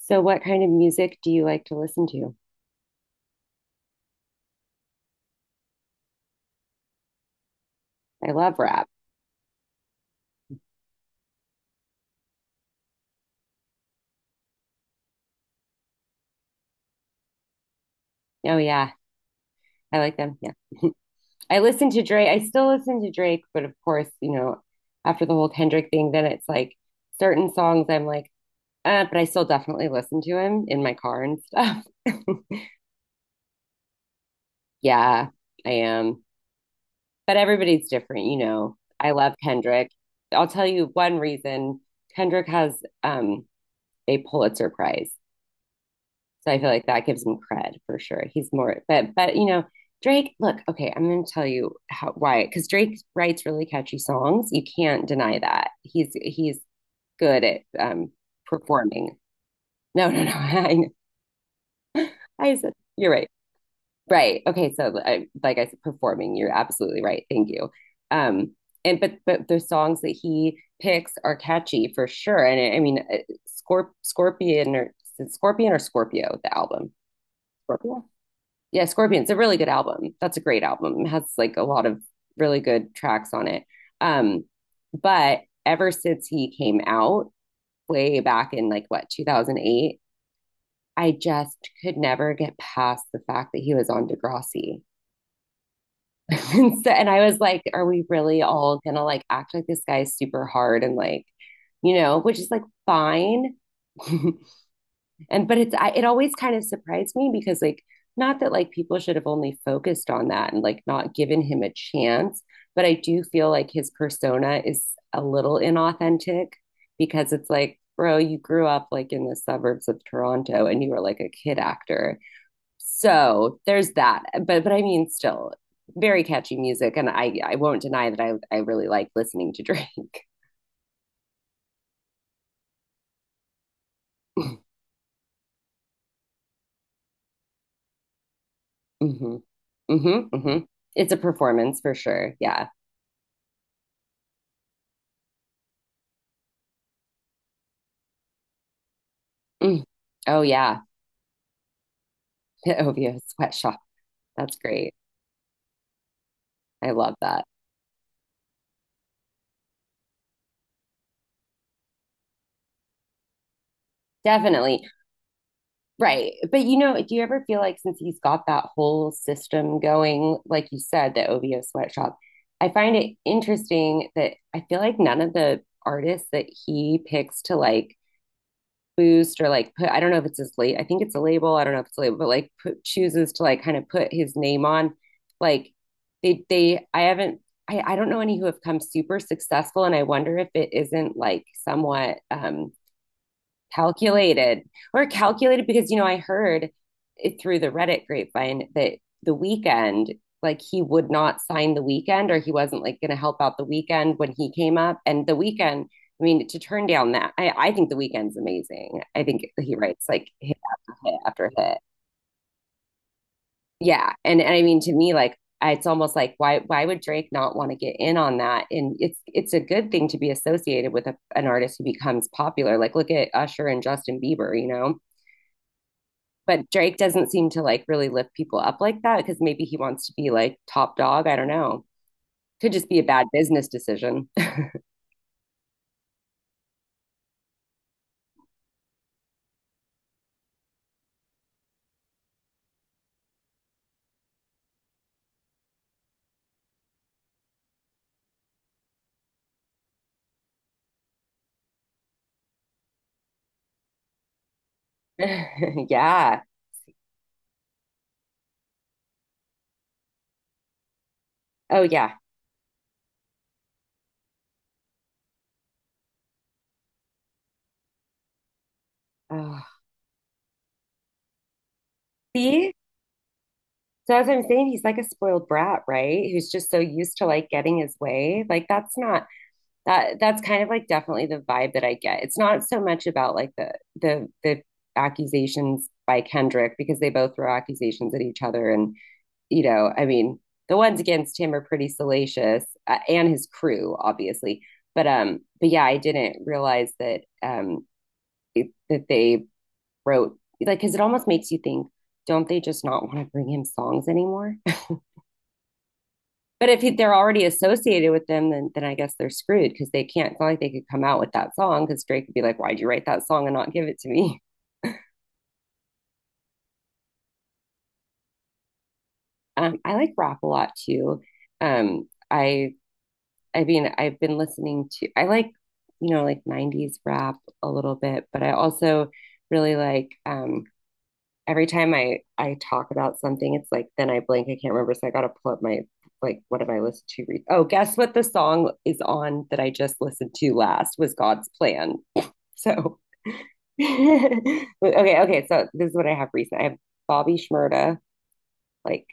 So what kind of music do you like to listen to? I love rap. Oh yeah, I like them. Yeah. I listen to Drake. I still listen to Drake, but of course, you know, after the whole Kendrick thing, then it's like certain songs I'm like, but I still definitely listen to him in my car and stuff. Yeah, I am. But everybody's different, you know. I love Kendrick. I'll tell you one reason. Kendrick has a Pulitzer Prize. So I feel like that gives him cred for sure. He's more, but you know, Drake. Look, okay, I'm going to tell you how why because Drake writes really catchy songs. You can't deny that. He's good at performing. No, no, no. I said you're right. Right. Okay. So I, like I said, performing. You're absolutely right. Thank you. Um. And but the songs that he picks are catchy for sure. And I mean, Scorp Scorpion or Scorpion or Scorpio, the album. Scorpio. Yeah, Scorpions, a really good album. That's a great album. It has like a lot of really good tracks on it. Um, but ever since he came out way back in like what 2008, I just could never get past the fact that he was on Degrassi. So, and I was like, are we really all gonna like act like this guy is super hard and like, you know, which is like fine, and but it always kind of surprised me because like not that like people should have only focused on that and like not given him a chance, but I do feel like his persona is a little inauthentic because it's like bro, you grew up like in the suburbs of Toronto and you were like a kid actor. So there's that, but I mean still very catchy music, and I won't deny that I really like listening to Drake. Mm-hmm, mm-hmm, mm-hmm. It's a performance for sure, yeah. Mm. Oh yeah, the OVO sweatshop. That's great. I love that. Definitely. Right. But you know, do you ever feel like since he's got that whole system going, like you said, the OVO sweatshop, I find it interesting that I feel like none of the artists that he picks to like boost or like put, I don't know if it's his late, I think it's a label, I don't know if it's a label, but like put, chooses to like kind of put his name on, like they I haven't, I don't know any who have come super successful, and I wonder if it isn't like somewhat calculated or calculated, because you know, I heard it through the Reddit grapevine that the Weekend, like he would not sign the Weekend, or he wasn't like going to help out the Weekend when he came up. And the Weekend, I mean, to turn down that, I think the Weekend's amazing. I think he writes like hit after hit after hit. Yeah, and I mean, to me, like, it's almost like why would Drake not want to get in on that? And it's a good thing to be associated with a, an artist who becomes popular. Like look at Usher and Justin Bieber, you know. But Drake doesn't seem to like really lift people up like that, because maybe he wants to be like top dog. I don't know. Could just be a bad business decision. Yeah. Oh, yeah. Oh. See? So, as I'm saying, he's like a spoiled brat, right? Who's just so used to like getting his way. Like, that's not that's kind of like definitely the vibe that I get. It's not so much about like the accusations by Kendrick, because they both throw accusations at each other, and you know, I mean, the ones against him are pretty salacious, and his crew, obviously. But yeah, I didn't realize that that they wrote like, because it almost makes you think, don't they just not want to bring him songs anymore? But if he, they're already associated with them, then I guess they're screwed because they can't. It's not like they could come out with that song because Drake could be like, why'd you write that song and not give it to me? I like rap a lot too. Um, I I mean, I've been listening to, I like, you know, like 90s rap a little bit, but I also really like, every time I talk about something, it's like, then I blank, I can't remember. So I got to pull up my, like, what have I listened to? Oh, guess what the song is on that I just listened to last was God's Plan. So, okay, okay. So this is what I have recent. I have Bobby Shmurda, like,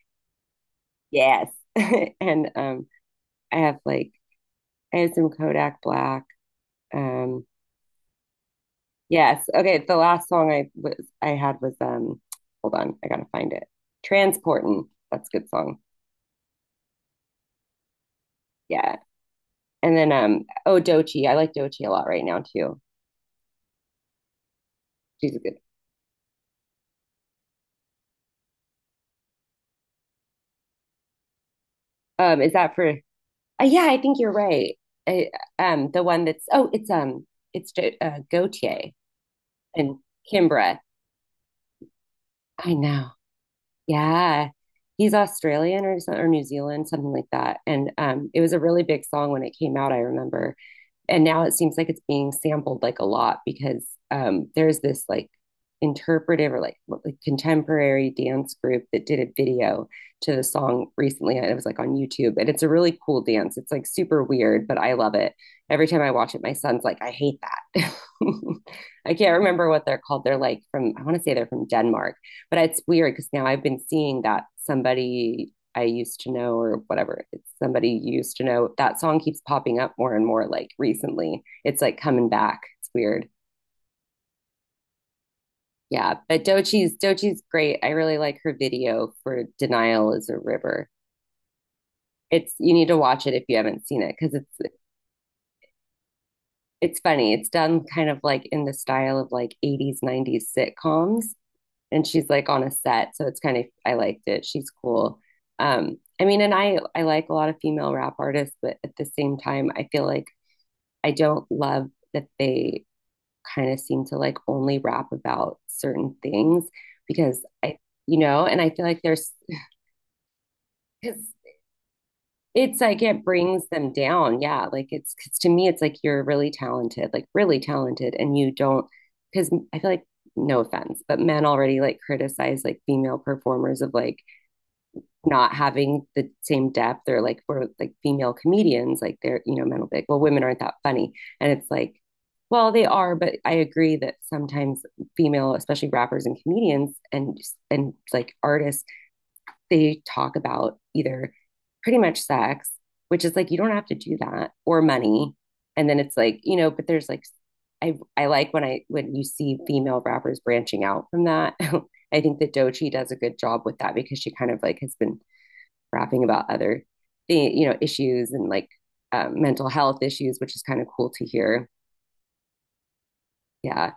yes. and, um, I have like, I have some Kodak Black. Um, Yes. Okay. The last song I was I had was hold on, I gotta find it. Transportin'. That's a good song. Yeah. And then oh, Dochi. I like Dochi a lot right now too. She's a good, um, is that for, yeah, I think you're right. I, the one that's oh it's Gautier and Kimbra. I know. Yeah. He's Australian or or New Zealand, something like that. And it was a really big song when it came out, I remember. And now it seems like it's being sampled like a lot because there's this like interpretive or like contemporary dance group that did a video to the song recently, and it was like on YouTube, and it's a really cool dance. It's like super weird, but I love it. Every time I watch it, my son's like, I hate that. I can't remember what they're called. They're like from, I want to say they're from Denmark, but it's weird because now I've been seeing that somebody I used to know or whatever. It's somebody you used to know. That song keeps popping up more and more like recently. It's like coming back. It's weird. Yeah. But Dochi's great. I really like her video for Denial is a River. It's, you need to watch it if you haven't seen it because it's funny. It's done kind of like in the style of like 80s, 90s sitcoms. And she's like on a set. So it's kind of, I liked it. She's cool. I mean, and I like a lot of female rap artists, but at the same time, I feel like I don't love that they kind of seem to like only rap about certain things because you know, and I feel like there's, because it's like it brings them down. Yeah. Like it's, because to me, it's like you're really talented, like really talented, and you don't, because I feel like, no offense, but men already like criticize like female performers of like not having the same depth, or like for like female comedians, like they're, you know, men will be like, well, women aren't that funny. And it's like, well, they are, but I agree that sometimes female, especially rappers and comedians and like artists, they talk about either pretty much sex, which is like, you don't have to do that, or money. And then it's like, you know, but there's like, I like when I when you see female rappers branching out from that. I think that Dochi does a good job with that, because she kind of like has been rapping about other thing, you know, issues and like, mental health issues, which is kind of cool to hear. Yeah,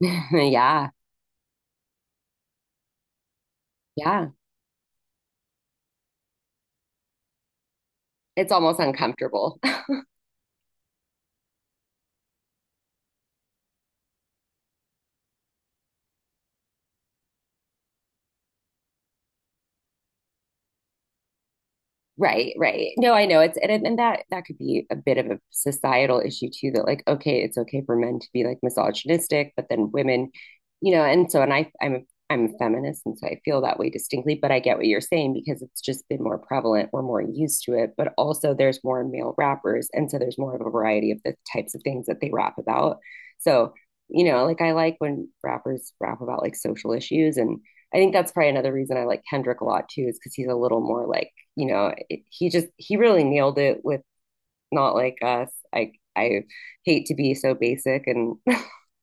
yeah, yeah. It's almost uncomfortable. Right, right. No, I know it's, and that could be a bit of a societal issue too, that like, okay, it's okay for men to be like misogynistic, but then women, you know. And so and I'm a feminist, and so I feel that way distinctly, but I get what you're saying because it's just been more prevalent. We're more used to it, but also there's more male rappers, and so there's more of a variety of the types of things that they rap about. So, you know, like I like when rappers rap about like social issues. And I think that's probably another reason I like Kendrick a lot too, is because he's a little more like, you know, he just he really nailed it with Not Like Us. I hate to be so basic and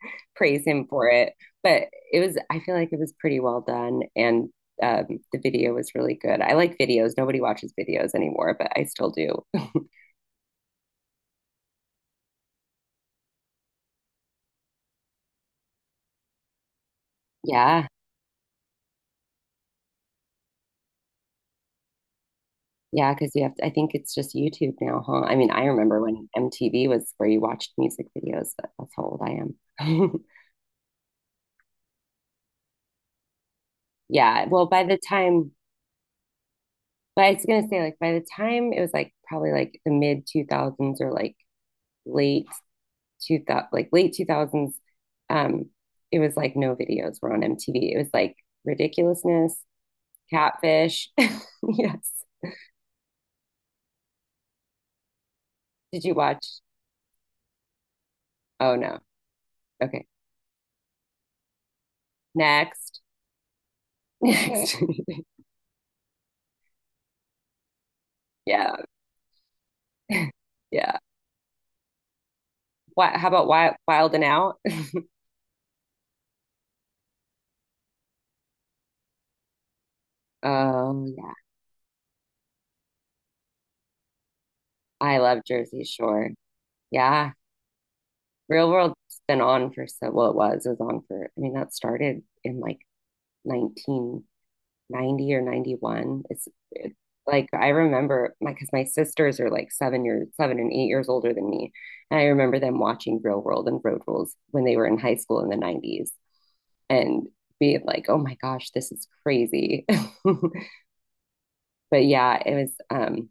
praise him for it, but it was, I feel like it was pretty well done, and um, the video was really good. I like videos. Nobody watches videos anymore, but I still do. Yeah. Yeah, because you have to, I think it's just YouTube now, huh? I mean, I remember when MTV was where you watched music videos. But that's how old I am. Yeah. Well, by the time, but I was gonna say like by the time it was like probably like the mid 2000s or like late late two thousands. Um, it was like no videos were on MTV. It was like ridiculousness, catfish. Yes. Did you watch? Oh no. Okay. Next. Next. Yeah. Yeah. What? How about Wild, Wild and Out? Oh yeah. I love Jersey Shore. Yeah. Real World's been on for so, well it was. It was on for, I mean, that started in like 19 90 or 91. It's it, like I remember my, because my sisters are like 7 and 8 years older than me. And I remember them watching Real World and Road Rules when they were in high school in the 90s and being like, oh my gosh, this is crazy. But yeah, it was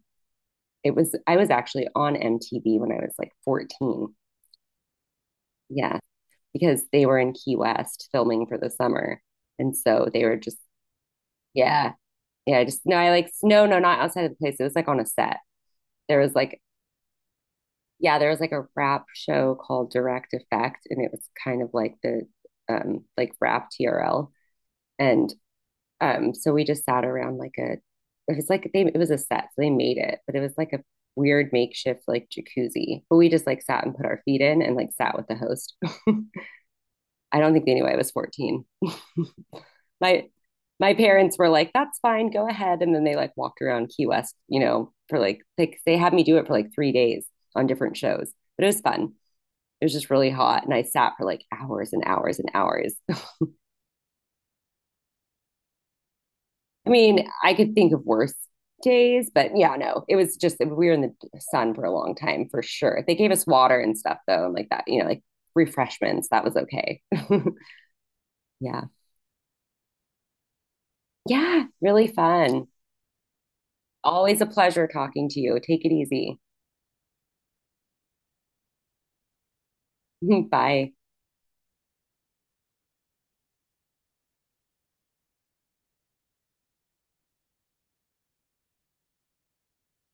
it was, I was actually on MTV when I was like 14. Yeah, because they were in Key West filming for the summer. And so they were just yeah, yeah, just no, I like no, no, not outside of the place. It was like on a set. There was like, yeah, there was like a rap show called Direct Effect, and it was kind of like the like rap TRL. And so we just sat around like a, it was like they, it was a set, so they made it, but it was like a weird makeshift like jacuzzi. But we just like sat and put our feet in and like sat with the host. I don't think they knew I was 14. My my parents were like, that's fine, go ahead. And then they like walked around Key West, you know, for like they had me do it for like 3 days on different shows. But it was fun. It was just really hot. And I sat for like hours and hours and hours. I mean, I could think of worse days, but yeah, no, it was just, we were in the sun for a long time for sure. They gave us water and stuff though, and like that, you know, like refreshments. That was okay. Yeah. Yeah. Really fun. Always a pleasure talking to you. Take it easy. Bye.